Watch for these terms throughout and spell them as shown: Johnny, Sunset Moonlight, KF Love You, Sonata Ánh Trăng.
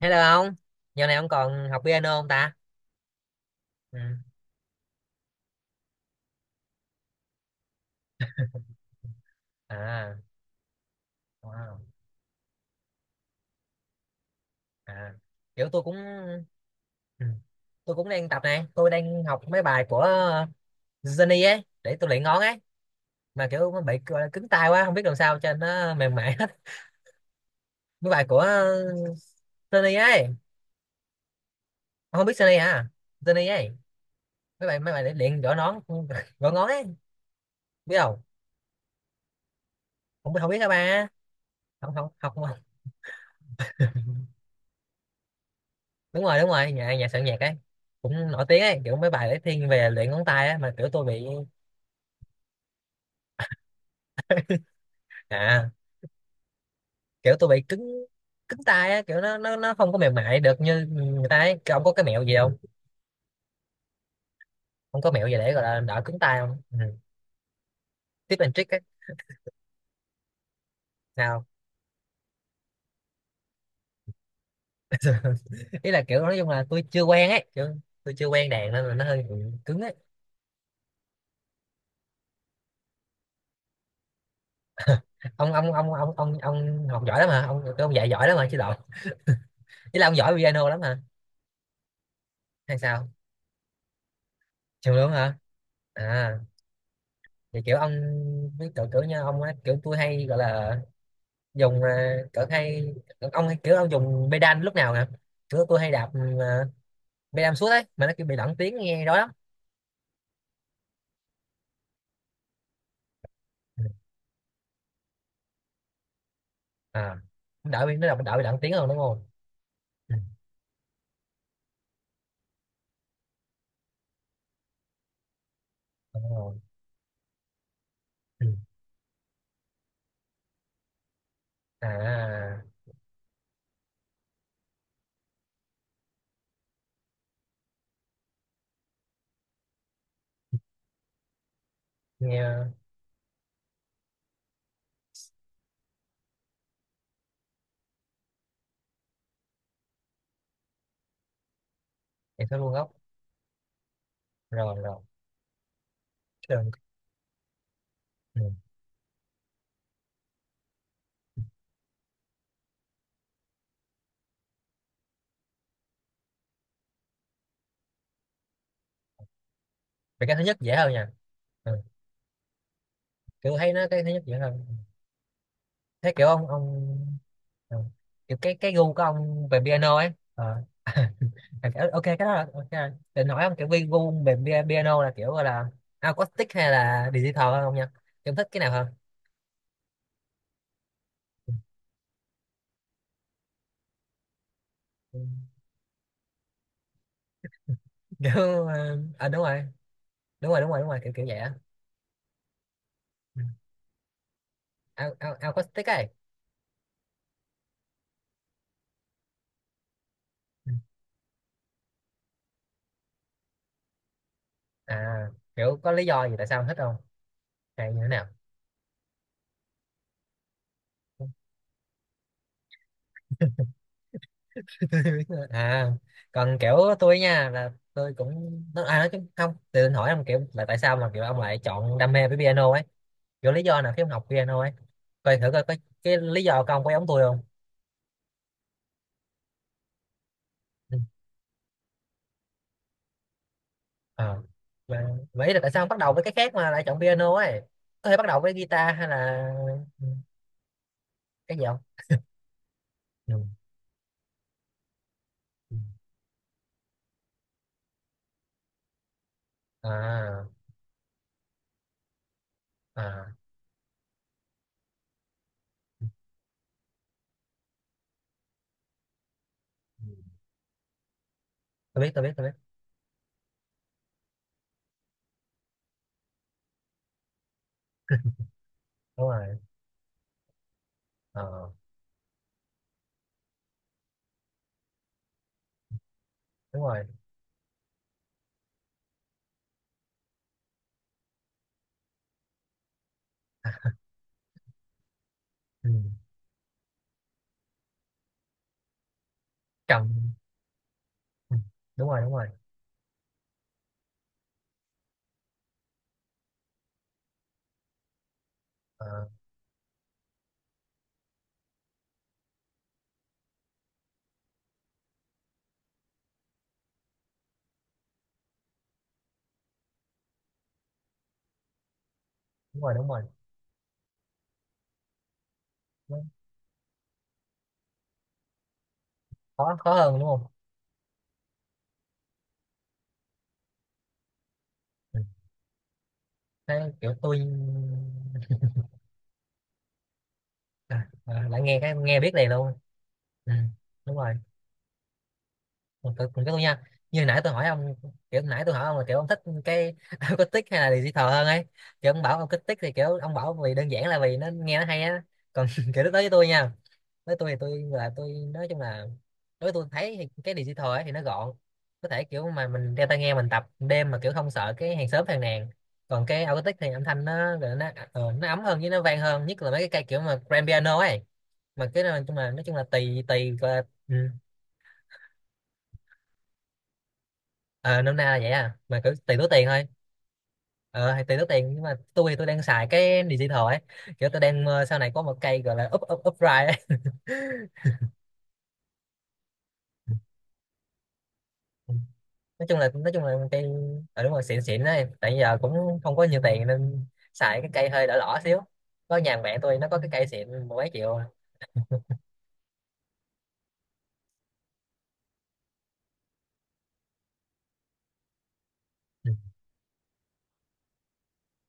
Hello ông, giờ này ông còn học piano không ta? Ừ. À, wow. À, kiểu tôi cũng ừ. Tôi cũng đang tập này, tôi đang học mấy bài của Johnny ấy để tôi luyện ngón ấy, mà kiểu nó bị gọi là cứng tay quá, không biết làm sao cho nó mềm mại hết. Mấy bài của Johnny ấy, ông không biết Johnny hả? Johnny ấy, mấy bài để luyện gõ nón, gõ ngón ấy, biết không? Không biết không biết hả ba? Không không học đúng rồi nhà nhà soạn nhạc ấy cũng nổi tiếng ấy kiểu mấy bài ấy thiên về luyện ngón tay á, mà à kiểu tôi bị cứng cứng tay á, kiểu nó không có mềm mại được như người ta ấy. Cái ông có cái mẹo gì không, không có mẹo gì để gọi là đỡ cứng tay không? Ừ. Tip and trick ấy nào. Ý là kiểu nói chung là tôi chưa quen ấy, kiểu tôi chưa quen đàn nên là nó hơi bị cứng ấy. Ông học giỏi lắm hả, ông dạy giỏi lắm hả, chứ lộn, ý là ông giỏi piano lắm hả hay sao? Chưa đúng hả? à thì kiểu ông với cỡ cỡ nha ông á, kiểu tôi hay gọi là dùng cỡ, hay ông hay kiểu ông dùng pedal lúc nào nè, kiểu tôi hay đạp pedal suốt ấy mà nó kiểu bị lẫn tiếng nghe đó lắm. Ừ. À, nó đỡ bị nó đỡ, đỡ bị lẫn tiếng hơn đúng không? Ừ. Đúng rồi. Ừ. À, nghe thì nó luôn gốc rồi rồi. Được. Ừ. Vậy cái thứ nhất dễ hơn nha. Ừ. Kiểu thấy nó cái thứ nhất dễ hơn, thế kiểu ông. Ừ. Kiểu cái gu của ông về piano ấy. Ờ. À, ok cái đó là ok rồi. Định hỏi ông kiểu vi gu về piano là kiểu gọi là acoustic hay là digital hơn không nha, em thích cái nào hơn? Ừ. Kiểu đúng rồi đúng rồi kiểu kiểu vậy á. Ừ. Acoustic ấy. Ừ. À, kiểu có lý do gì tại sao ông thích không hay như thế nào? À, còn kiểu tôi nha là tôi cũng à nói chung không, tôi định hỏi ông kiểu là tại sao mà kiểu ông lại chọn đam mê với piano ấy, kiểu lý do nào khi ông học piano ấy, coi thử coi có cái lý do của ông có giống tôi không. Ừ. Ờ. Mà, mà ý là tại sao không bắt đầu với cái khác mà lại chọn piano ấy, có thể bắt đầu với guitar hay là ừ, cái gì không? Ừ. Ừ. À à. Ừ. Tôi biết tôi biết tôi biết đúng rồi. Ờ, đúng rồi. Ừ. Cầm. Ừ. Đúng rồi đúng rồi. Ờ, đúng rồi đúng rồi. Nó khó khó hơn đúng không? Ừ. Thế kiểu tôi à, à, lại nghe cái nghe biết liền luôn. Ừ. Đúng rồi, mình cứ nha, như nãy tôi hỏi ông kiểu nãy tôi hỏi ông là kiểu ông thích cái acoustic hay là digital hơn ấy, kiểu ông bảo acoustic thì kiểu ông bảo vì đơn giản là vì nó nghe nó hay á. Còn kiểu lúc đó với tôi nha, với tôi thì tôi là tôi nói chung là đối với tôi thấy thì cái digital ấy thì nó gọn, có thể kiểu mà mình đeo tai nghe mình tập đêm mà kiểu không sợ cái hàng xóm phàn nàn. Còn cái acoustic thì âm thanh nó gọi nó nó ấm hơn với nó vang hơn, nhất là mấy cái cây kiểu mà grand piano ấy. Mà cái nói chung là tùy tùy gọi là, ừ. Ờ, nôm na là vậy, à mà cứ tùy túi tiền thôi. Ờ, hay tùy túi tiền, nhưng mà tôi thì tôi đang xài cái digital ấy, kiểu tôi đang sau này có một cây gọi là up up up ride ấy. Nói chung là nói chung là cây, ờ đúng rồi xịn xịn đấy, tại giờ cũng không có nhiều tiền nên xài cái cây hơi đỏ lỏ xíu, có nhà mẹ tôi nó có cái cây xịn mười mấy triệu. Ừ.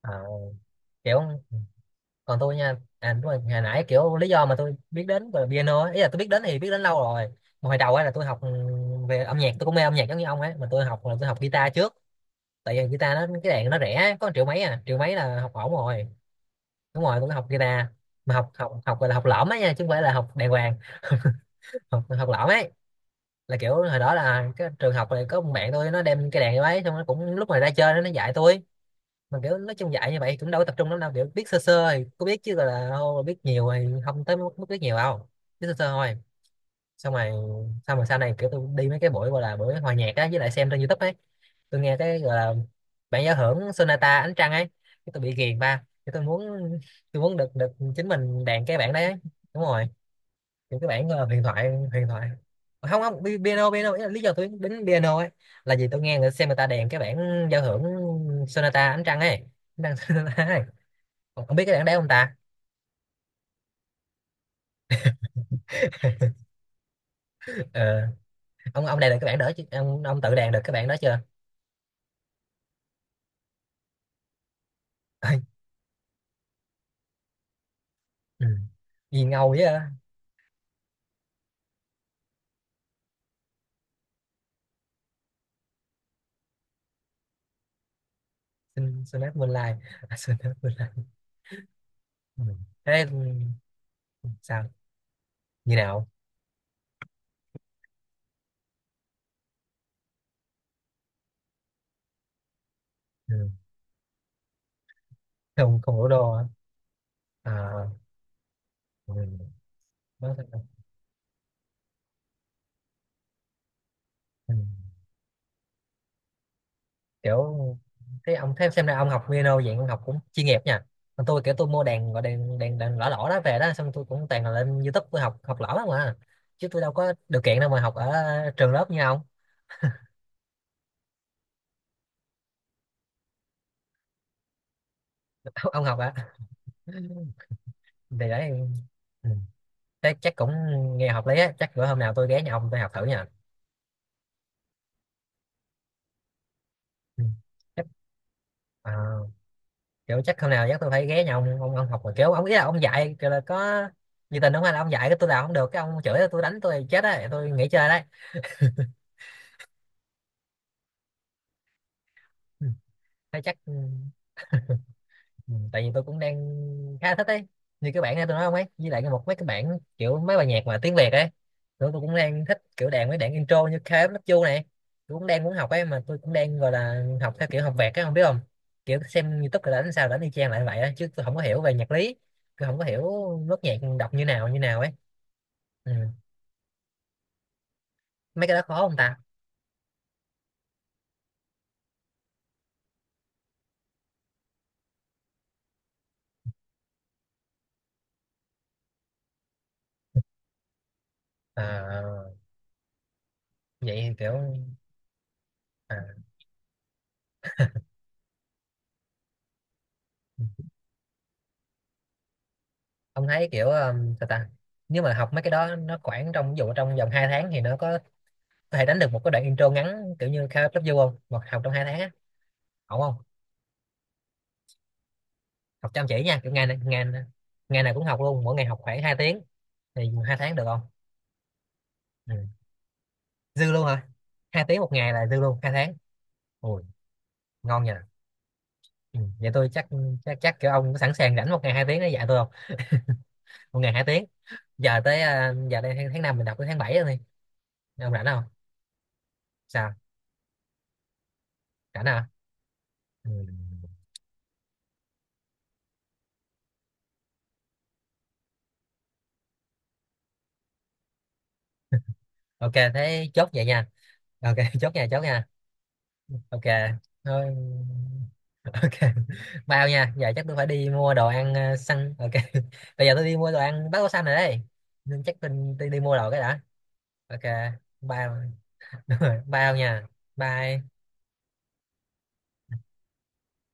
Ờ, kiểu còn tôi nha, à đúng rồi hồi nãy kiểu lý do mà tôi biết đến về piano ấy, ý là tôi biết đến thì biết đến lâu rồi, mà hồi đầu ấy là tôi học về âm nhạc, tôi cũng mê âm nhạc giống như ông ấy, mà tôi học là tôi học guitar trước, tại vì guitar nó cái đàn nó rẻ có một triệu mấy, à triệu mấy là học ổn rồi. Đúng rồi tôi có học guitar, mà học học học gọi là học lõm á nha chứ không phải là học đàng hoàng. Học học lõm ấy, là kiểu hồi đó là cái trường học này có một bạn tôi nó đem cái đàn vô ấy, xong nó cũng lúc mà ra chơi nó dạy tôi. Mà kiểu nói chung dạy như vậy cũng đâu có tập trung lắm đâu, kiểu biết sơ sơ thì có biết chứ gọi là ô, biết nhiều thì không tới mức mức biết nhiều đâu, biết sơ sơ thôi. Xong rồi xong rồi sau này kiểu tôi đi mấy cái buổi gọi là buổi hòa nhạc á với lại xem trên YouTube ấy, tôi nghe cái gọi là bản giao hưởng Sonata Ánh Trăng ấy, cái tôi bị ghiền ba cái tôi muốn, tôi muốn được được chính mình đàn cái bản đấy ấy. Đúng rồi, những cái bản huyền thoại huyền thoại. Không không piano piano, ý là lý do tôi đến piano ấy là vì tôi nghe người xem người ta đàn cái bản giao hưởng Sonata Ánh Trăng ấy đang Sonata ấy. Ông biết cái bản đấy không ta? Ờ, ông đàn được cái bản đó chứ, ông tự đàn được cái bản đó chưa? Ừ. Gì ngầu vậy. Sunset Moonlight. À, Sunset Moonlight. Ừ. Thế ừ, sao, như nào? Ừ. Không không đủ đô hả? À. Ừ. Nói thật là, ừ. Kiểu thế ông thế xem ra ông học piano vậy ông học cũng chuyên nghiệp nha. Còn tôi kiểu tôi mua đàn gọi đàn đàn đàn lõ lõ đó về đó, xong tôi cũng toàn là lên YouTube tôi học học lõ đó mà, chứ tôi đâu có điều kiện đâu mà học ở trường lớp như ông. Ông học à? Thì đấy. Ừ. Thế chắc cũng nghe hợp lý á, chắc bữa hôm nào tôi ghé nhà ông tôi học thử nha. Ừ. Chắc à, kiểu chắc hôm nào chắc tôi phải ghé nhà ông ông học rồi kiểu ông ý là ông dạy kiểu là có nhiệt tình không, hay là ông dạy cái tôi làm không được cái ông chửi tôi đánh tôi chết đấy tôi nghỉ chơi đấy. Ừ. Thế chắc ừ, ừ, tại vì tôi cũng đang khá thích ấy, như cái bản này tôi nói không ấy với lại một mấy cái bản kiểu mấy bài nhạc mà tiếng Việt ấy, kiểu tôi cũng đang thích kiểu đàn mấy đàn intro như KF Love You này, tôi cũng đang muốn học ấy mà tôi cũng đang gọi là học theo kiểu học vẹt ấy không biết không, kiểu xem YouTube rồi đánh sao đánh y chang lại vậy á, chứ tôi không có hiểu về nhạc lý, tôi không có hiểu nốt nhạc đọc như nào ấy. Ừ. Mấy cái đó khó không ta? À, vậy thì kiểu à, ông thấy kiểu sao ta nếu mà học mấy cái đó nó khoảng trong ví dụ trong vòng 2 tháng thì nó có thể đánh được một cái đoạn intro ngắn kiểu như KFW không, một học trong 2 tháng á ổn không? Học chăm chỉ nha kiểu ngày ngày nào cũng học luôn, mỗi ngày học khoảng 2 tiếng thì 2 tháng được không? Ừ. Dư luôn hả, 2 tiếng một ngày là dư luôn 2 tháng. Ui ngon nha. Ừ. Vậy tôi chắc, chắc kiểu ông có sẵn sàng rảnh một ngày 2 tiếng để dạy tôi không, một ngày 2 tiếng, giờ tới à, giờ đây tháng 5 mình đọc tới tháng 7 rồi. Nghe ông rảnh không? Sao, rảnh à? Ừ. Ok thế chốt vậy nha. Ok chốt nha chốt nha. Ok thôi. Ok bao nha, giờ chắc tôi phải đi mua đồ ăn xăng ok bây giờ tôi đi mua đồ ăn bát có xanh rồi đây, nên chắc tôi đi mua đồ cái đã. Ok bao đúng rồi bao nha. Bye.